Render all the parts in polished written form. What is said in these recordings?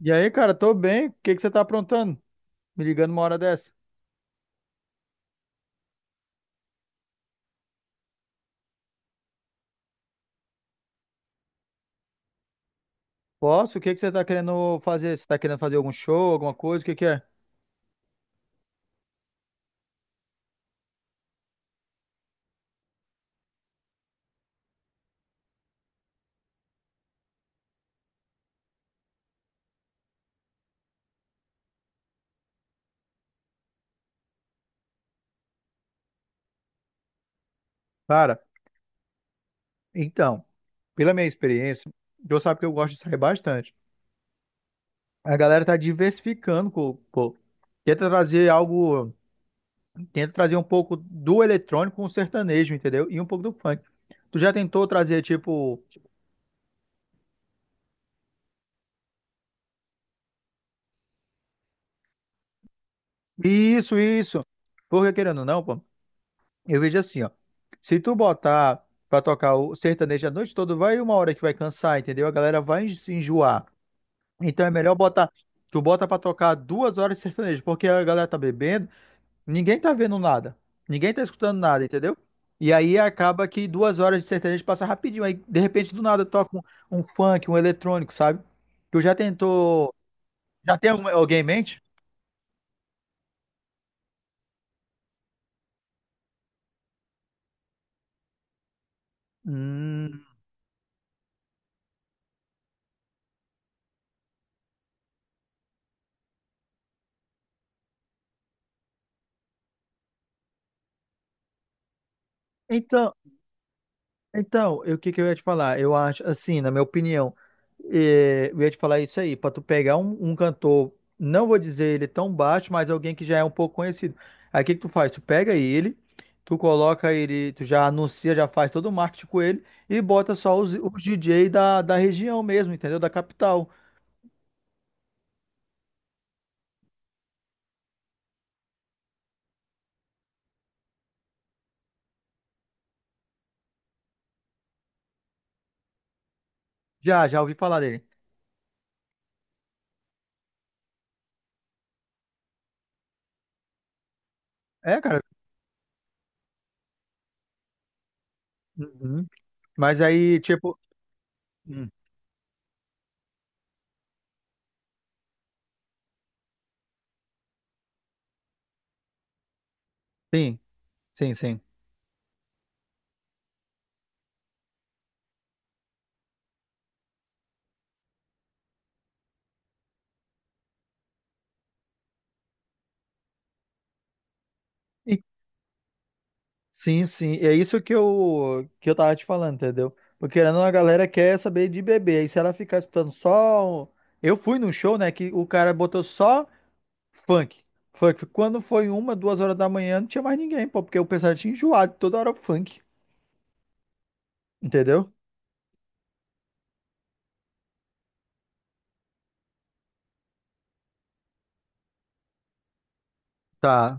E aí, cara, tô bem. O que que você tá aprontando? Me ligando uma hora dessa. Posso? O que que você tá querendo fazer? Você tá querendo fazer algum show, alguma coisa? O que que é? Cara, então, pela minha experiência, Deus sabe que eu gosto de sair bastante. A galera tá diversificando, pô. Tenta trazer algo, tenta trazer um pouco do eletrônico com o sertanejo, entendeu? E um pouco do funk. Tu já tentou trazer, tipo, isso, isso. Porque querendo ou não, pô. Eu vejo assim, ó. Se tu botar pra tocar o sertanejo a noite toda, vai uma hora que vai cansar, entendeu? A galera vai se enjoar. Então é melhor botar. Tu bota pra tocar duas horas de sertanejo, porque a galera tá bebendo, ninguém tá vendo nada. Ninguém tá escutando nada, entendeu? E aí acaba que duas horas de sertanejo passa rapidinho. Aí, de repente, do nada toca um, um funk, um eletrônico, sabe? Tu já tentou. Já tem alguém em mente? Hum, então. Então, o que que eu ia te falar? Eu acho, assim, na minha opinião, eu ia te falar isso aí, para tu pegar um, um cantor, não vou dizer ele tão baixo, mas alguém que já é um pouco conhecido. Aí o que que tu faz? Tu pega ele, tu coloca ele, tu já anuncia, já faz todo o marketing com ele e bota só os DJ da, da região mesmo, entendeu? Da capital. Já, já ouvi falar dele. É, cara. Uhum. Mas aí, tipo. Hum. Sim, sim, sim. Sim, sim. É isso que eu tava te falando, entendeu? Porque querendo, ou não, a galera quer saber de bebê. Aí se ela ficar escutando só. Eu fui num show, né? Que o cara botou só funk. Funk. Quando foi uma, duas horas da manhã, não tinha mais ninguém, pô, porque o pessoal tinha enjoado, toda hora funk. Entendeu? Tá.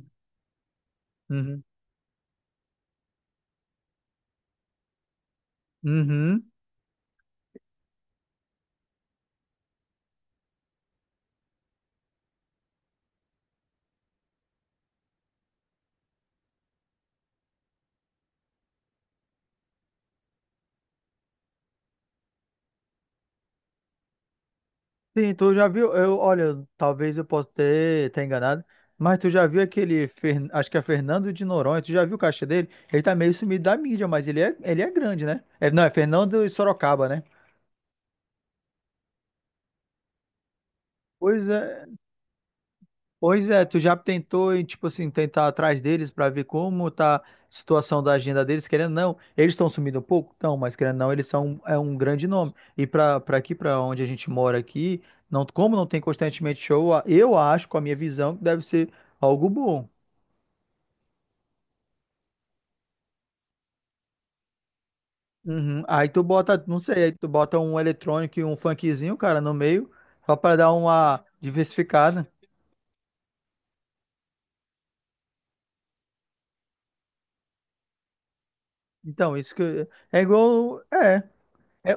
Uhum. Uhum. Sim, tu já viu? Eu, olha, talvez eu possa ter enganado, mas tu já viu aquele, acho que é Fernando de Noronha, tu já viu o caixa dele? Ele tá meio sumido da mídia, mas ele é grande, né? É, não, é Fernando de Sorocaba, né? Pois é, pois é, tu já tentou, e, tipo assim, tentar atrás deles pra ver como tá a situação da agenda deles, querendo ou não, eles estão sumindo um pouco? Não, mas querendo ou não, eles são um, é um grande nome. E pra, pra aqui, pra onde a gente mora aqui, não, como não tem constantemente show, eu acho, com a minha visão, que deve ser algo bom. Uhum. Aí tu bota, não sei, aí tu bota um eletrônico e um funkzinho, cara, no meio, só pra dar uma diversificada. Então, isso que é igual, é,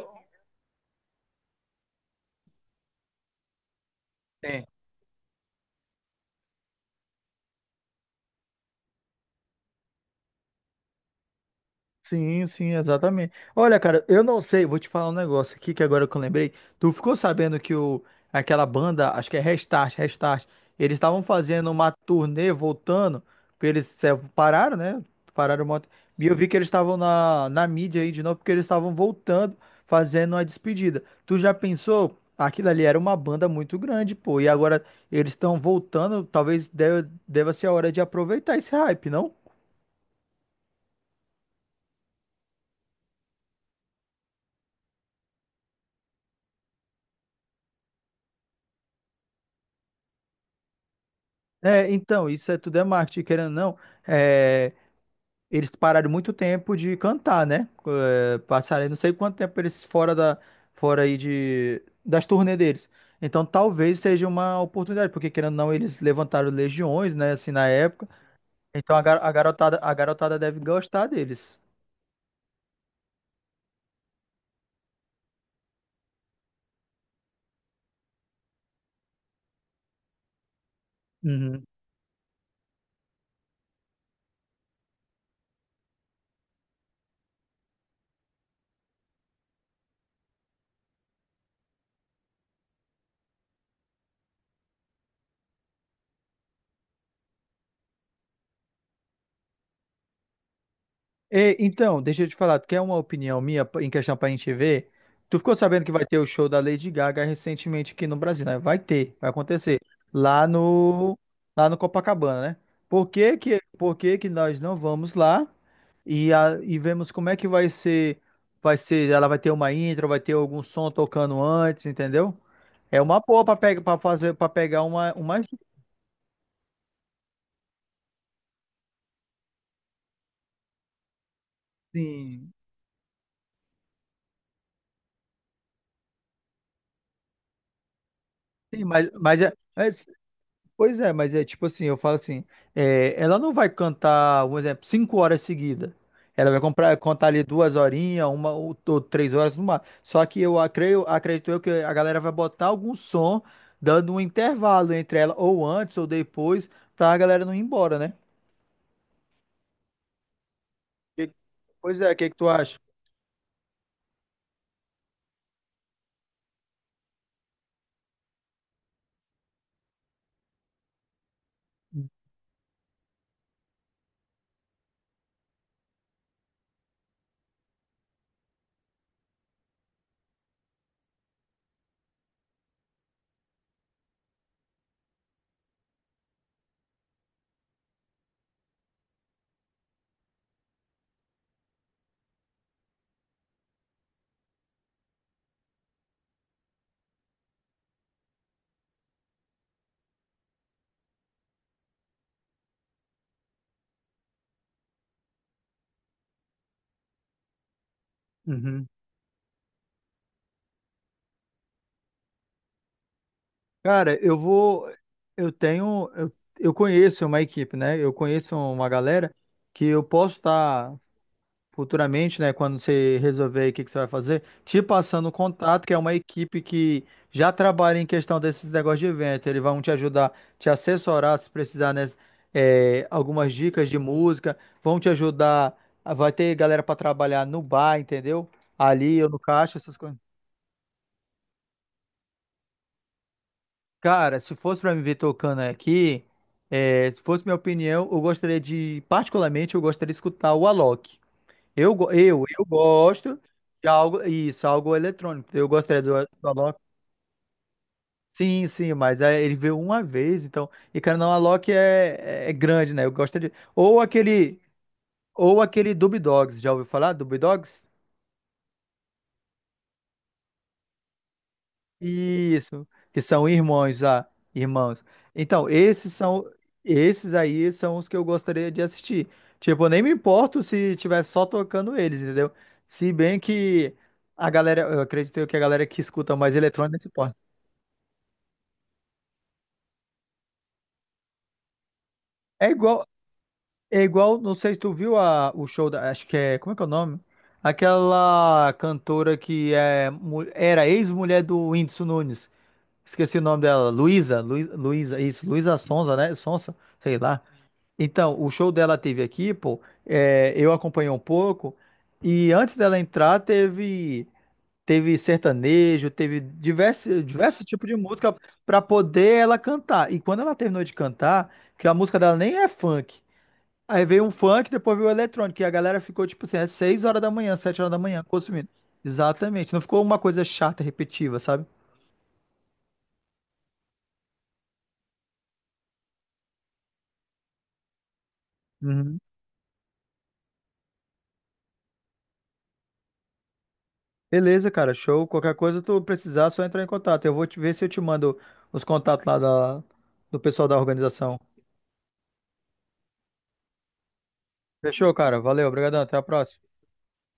sim, sim, exatamente. Olha, cara, eu não sei, vou te falar um negócio aqui que agora que eu lembrei. Tu ficou sabendo aquela banda, acho que é Restart, Restart, eles estavam fazendo uma turnê voltando, porque eles pararam, né? Pararam um monte. E eu vi que eles estavam na mídia aí de novo, porque eles estavam voltando, fazendo uma despedida. Tu já pensou? Aquilo ali era uma banda muito grande, pô, e agora eles estão voltando, talvez deva ser a hora de aproveitar esse hype, não? É, então, isso é tudo é marketing, querendo ou não. É, eles pararam muito tempo de cantar, né? É, passaram aí não sei quanto tempo eles fora aí das turnê deles. Então, talvez seja uma oportunidade, porque querendo ou não, eles levantaram legiões, né? Assim, na época. Então, a garotada, a garotada deve gostar deles. Uhum. E, então, deixa eu te falar, tu quer uma opinião minha em questão pra gente ver? Tu ficou sabendo que vai ter o show da Lady Gaga recentemente aqui no Brasil, né? Vai ter, vai acontecer. Lá no, lá no Copacabana, né? Por que que nós não vamos lá e vemos como é que vai ser, ela vai ter uma intro, vai ter algum som tocando antes, entendeu? É uma boa pra pegar, para fazer, para pegar uma, sim, sim, mas é. Pois é, mas é tipo assim, eu falo assim, é, ela não vai cantar, um exemplo, cinco horas seguidas. Ela vai contar ali duas horinhas, uma ou três horas, uma. Só que acredito eu que a galera vai botar algum som, dando um intervalo entre ela, ou antes ou depois, pra galera não ir embora, né? Que- Pois é, o que que tu acha? Uhum. Cara, eu vou. Eu tenho. Eu conheço uma equipe, né? Eu conheço uma galera que eu posso estar. Futuramente, né, quando você resolver aí o que que você vai fazer, te passando o contato, que é uma equipe que já trabalha em questão desses negócios de evento. Eles vão te ajudar, te assessorar se precisar, né, algumas dicas de música, vão te ajudar. Vai ter galera para trabalhar no bar, entendeu? Ali ou no caixa, essas coisas. Cara, se fosse para me ver tocando aqui, é, se fosse minha opinião, eu gostaria de, particularmente, eu gostaria de escutar o Alok. Eu gosto de algo, isso, algo eletrônico. Eu gostaria do, do Alok. Sim, sim, mas é, ele veio uma vez, então. E cara, não, Alok é, é grande, né? Eu gosto de. Ou aquele Dub Dogs, já ouviu falar? Dub Dogs? Isso, que são irmãos, ah, irmãos. Então, esses são, esses aí são os que eu gostaria de assistir. Tipo, eu nem me importo se tiver só tocando eles, entendeu? Se bem que a galera, eu acredito que a galera que escuta mais eletrônica se importa. É igual, é igual, não sei se tu viu a, o show da, acho que é, como é que é o nome? Aquela cantora que é, era ex-mulher do Whindersson Nunes. Esqueci o nome dela, Luísa, Luísa, isso, Luísa Sonza, né? Sonsa, sei lá. Então, o show dela teve aqui, pô, é, eu acompanhei um pouco, e antes dela entrar teve sertanejo, teve diversos tipos de música para poder ela cantar. E quando ela terminou de cantar, que a música dela nem é funk, aí veio um funk, depois veio o eletrônico. E a galera ficou, tipo assim, é 6 horas da manhã, 7 horas da manhã, consumindo. Exatamente. Não ficou uma coisa chata, repetiva, sabe? Uhum. Beleza, cara, show. Qualquer coisa tu precisar, é só entrar em contato. Eu vou te ver se eu te mando os contatos do pessoal da organização. Fechou, cara? Valeu, obrigadão. Até a próxima.